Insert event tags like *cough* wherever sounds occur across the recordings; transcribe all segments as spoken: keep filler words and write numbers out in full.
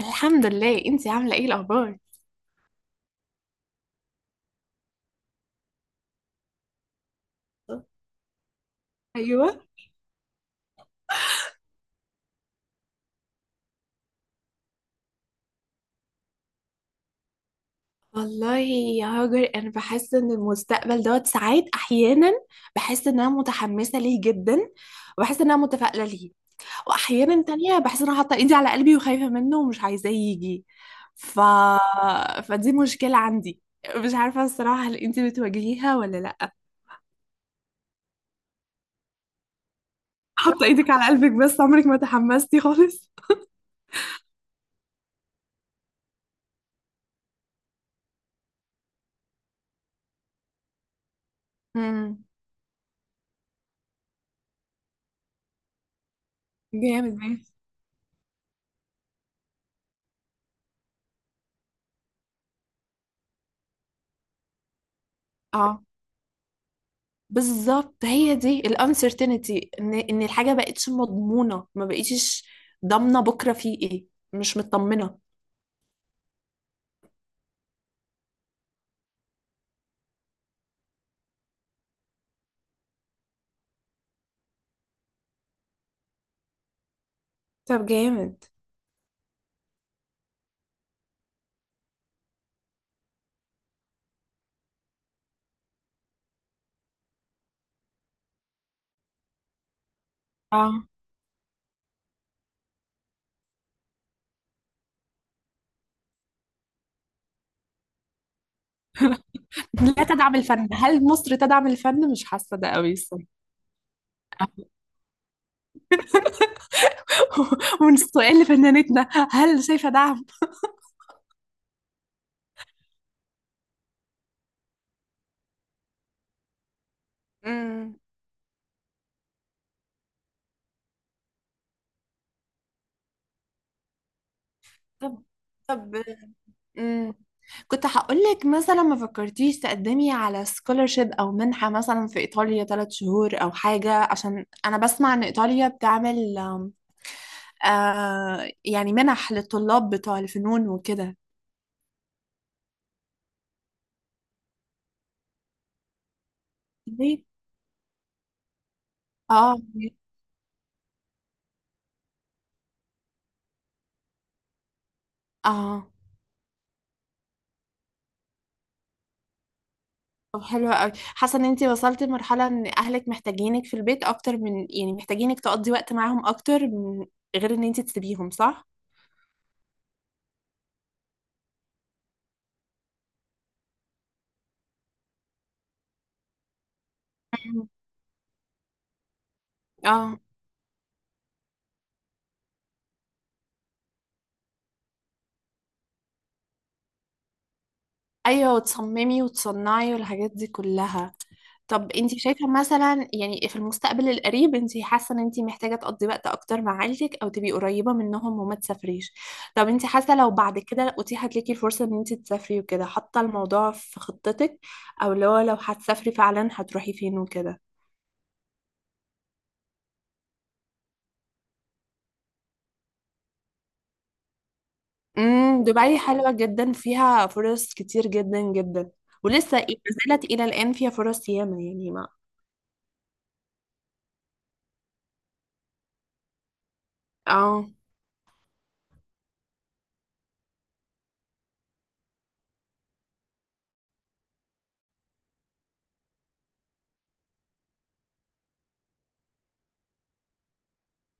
الحمد لله، انتي عاملة ايه الأخبار؟ ايوه. والله يا هاجر، أنا بحس إن المستقبل دوت ساعات أحيانا. بحس إن أنا متحمسة ليه جدا، وبحس إن أنا متفائلة ليه. وأحيانا تانية بحس إن أنا حاطة إيدي على قلبي وخايفة منه ومش عايزاه يجي. ف... فدي مشكلة عندي. مش عارفة الصراحة، هل انتي بتواجهيها ولا لأ؟ حاطة إيدك على قلبك، بس عمرك ما تحمستي خالص. امم. جامد، ماشي. اه، بالظبط. هي دي الانسرتينتي، ان ان الحاجه بقتش مضمونه، ما بقيتش ضامنه بكره في ايه. مش مطمنه. طب جامد. اه، لا تدعم الفن. هل مصر تدعم الفن؟ مش حاسه ده قوي الصراحه. *laughs* ومن السؤال لفنانتنا، هل شايفه دعم؟ امم. طب، طب. امم. كنت هقول لك مثلا، ما فكرتيش تقدمي على سكولرشيب او منحه مثلا في ايطاليا ثلاث شهور او حاجه؟ عشان انا بسمع ان ايطاليا بتعمل آه يعني منح للطلاب بتوع الفنون وكده. ليه؟ اه، اه. طب حلوة قوي. حاسة ان انتي وصلتي لمرحلة ان اهلك محتاجينك في البيت اكتر، من يعني محتاجينك تقضي وقت معاهم اكتر من غير ان انتي تسيبيهم، صح؟ مم. اه. ايوه، وتصممي وتصنعي والحاجات دي كلها. طب انت شايفة مثلا يعني في المستقبل القريب، انت حاسة ان انت محتاجة تقضي وقت اكتر مع عيلتك او تبقي قريبة منهم وما تسافريش؟ طب انت حاسة لو بعد كده اتيحت ليكي الفرصة ان انت تسافري وكده، حاطة الموضوع في خطتك؟ او اللي هو، لو هتسافري فعلا هتروحي فين وكده؟ امم دبي حلوة جدا، فيها فرص كتير جدا جدا. ولسه ما زالت الى الان فيها فرص ياما يعني ما. اه،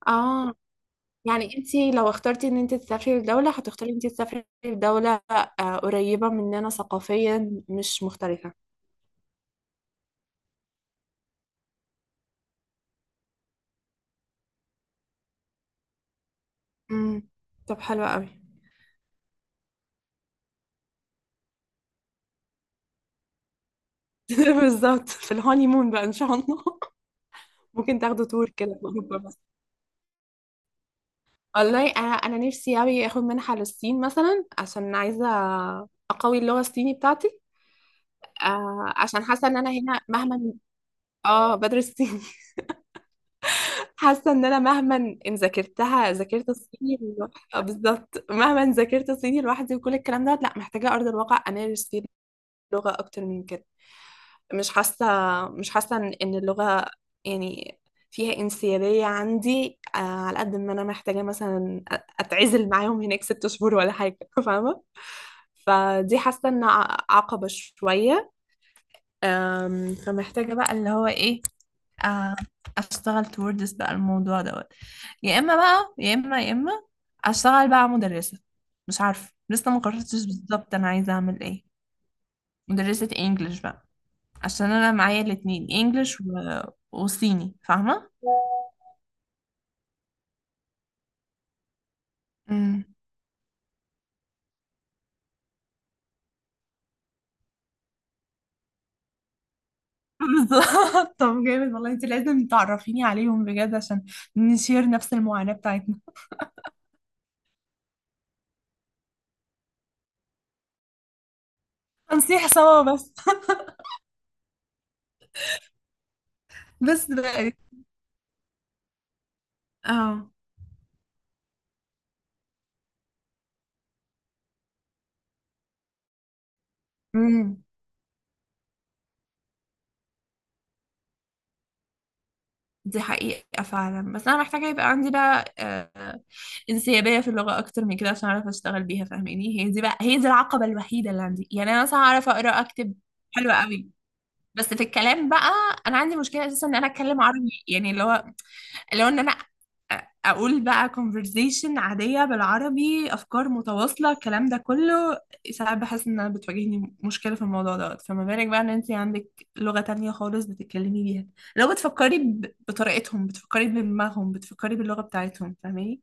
اه. يعني انت لو اخترتي ان انت تسافري لدولة، هتختاري ان انت تسافري لدولة آه، قريبة مننا ثقافيا، مش مختلفة. امم. طب حلوة قوي. *laughs* بالظبط، في الهانيمون بقى ان شاء الله. *laughs* ممكن تاخدوا تور كده في اوروبا بس. والله، انا انا نفسي قوي اخد منحة للصين مثلا، عشان عايزة اقوي اللغة الصيني بتاعتي. آه، عشان حاسة ان انا هنا مهما. اه، بدرس. *laughs* حاسه ان انا مهما ان ذاكرتها ذاكرت الصيني لو- آه، بالظبط. مهما ان ذاكرت صيني لوحدي وكل الكلام ده، لا محتاجه ارض الواقع امارس فيه اللغه اكتر من كده. مش حاسه مش حاسه ان إن اللغه يعني فيها انسيابيه عندي. آه، على قد ما انا محتاجه مثلا أ- اتعزل معاهم هناك ست شهور ولا حاجه، *laughs* فاهمه؟ فدي حاسه ان ع- عقبه شويه. آم، فمحتاجه بقى اللي هو ايه، آه، اشتغل توردس بقى الموضوع دوت. يا اما بقى، يا اما، يا اما اشتغل بقى مدرسة. مش عارفة، لسه ما قررتش بالظبط انا عايزة اعمل ايه. مدرسة انجلش بقى، عشان انا معايا الاتنين انجلش و... وصيني، فاهمة؟ مم. *laughs* بالظبط. طب جامد، والله انت لازم تعرفيني عليهم بجد، عشان نشير نفس المعاناة بتاعتنا. هنصيح سوا بس. *laughs* بس بقى. اه. مم. دي حقيقة فعلا، بس أنا محتاجة يبقى عندي بقى آه، انسيابية في اللغة أكتر من كده، عشان أعرف أشتغل بيها، فاهماني؟ هي دي بقى هي دي العقبة الوحيدة اللي عندي. يعني أنا مثلا أعرف أقرأ أكتب حلو قوي، بس في الكلام بقى، أنا عندي مشكلة أساسا إن أنا أتكلم عربي، يعني اللي هو لو ان انا أ- اقول بقى conversation عادية بالعربي، افكار متواصلة الكلام ده كله. ساعات بحس ان انا بتواجهني مشكلة في الموضوع دوت، فما بالك بقى ان انت عندك لغة تانية خالص بتتكلمي بيها، لو بتفكري ب- بطريقتهم، بتفكري بدماغهم، بتفكري باللغة بتاعتهم، فاهماني؟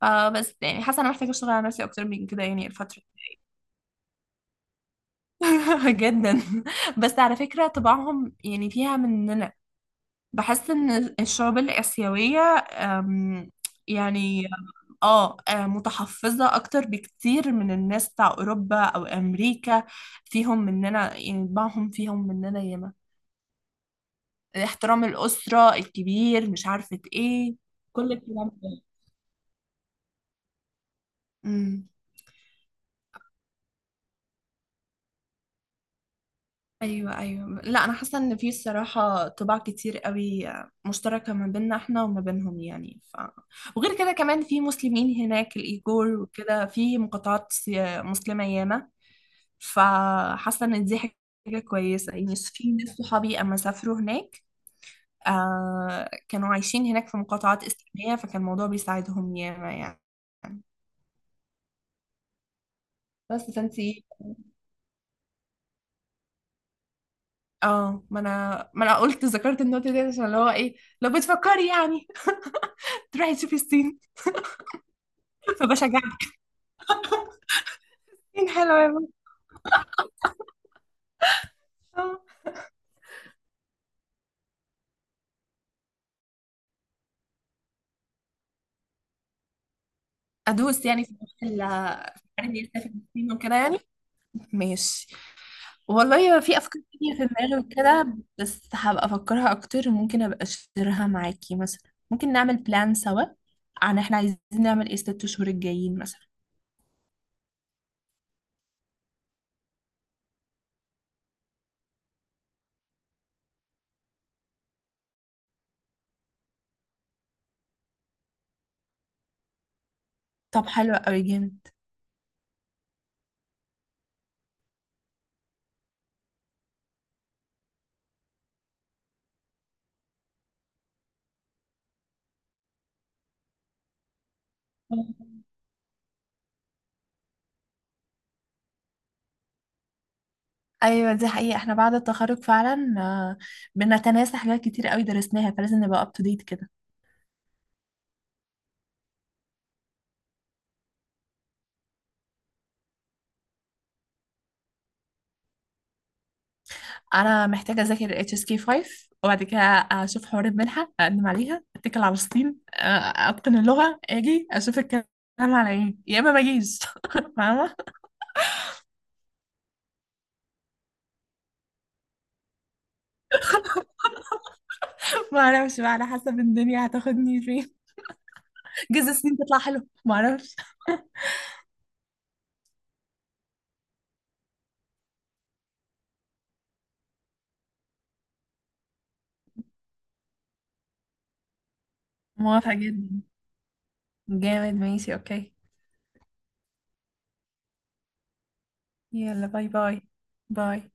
فبس يعني حاسة انا محتاجة اشتغل على نفسي اكتر من كده يعني الفترة. *laughs* جدا. بس على فكرة طباعهم يعني فيها مننا. بحس ان الشعوب الآسيوية، أم، يعني اه آه، متحفظة اكتر بكتير من الناس بتاع اوروبا او امريكا. فيهم مننا، يعني طباعهم فيهم مننا ياما. احترام الأسرة الكبير، مش عارفة ايه، كل الكلام ده. ايوه، ايوه. لا، انا حاسه ان في الصراحه طباع كتير قوي مشتركه ما بيننا احنا وما بينهم يعني ف... وغير كده كمان في مسلمين هناك الايجور وكده، في مقاطعات سي- مسلمه ياما. فحاسه ان دي حاجه كويسه، يعني في ناس صحابي اما سافروا هناك، آه كانوا عايشين هناك في مقاطعات اسلاميه، فكان الموضوع بيساعدهم ياما يعني. بس فانتي. اه، ما انا ما انا قلت ذكرت النقطه دي عشان اللي هو ايه، لو بتفكري يعني *laughs* تروحي تشوفي الصين، فبشجعها. حلوة يا بنت. آه. ادوس، يعني في موضوع ال- الحوار اني اسافر الصين وكده يعني. ماشي. والله، في افكار كتير في دماغي وكده، بس هبقى افكرها اكتر، وممكن ابقى اشتريها معاكي مثلا، ممكن نعمل بلان سوا عن احنا عايزين نعمل ايه الست شهور الجايين مثلا. طب حلو قوي، جامد. ايوه، دي حقيقة. احنا بعد التخرج فعلا آه، بنتناسى حاجات كتير قوي درسناها، فلازم نبقى up to date كده. انا محتاجه اذاكر اتش اس كي خمسة، وبعد كده اشوف حوار المنحه، اقدم عليها، اتكل على الصين، أ- اتقن اللغه، اجي اشوف الكلام على ايه، يا اما ما اجيش. *laughs* فاهمه. ما اعرفش بقى، على حسب الدنيا هتاخدني فين. جزء الصين تطلع حلو ما اعرفش. موافقه جدا. جامد، ماشي، اوكي. يلا، باي، باي. باي.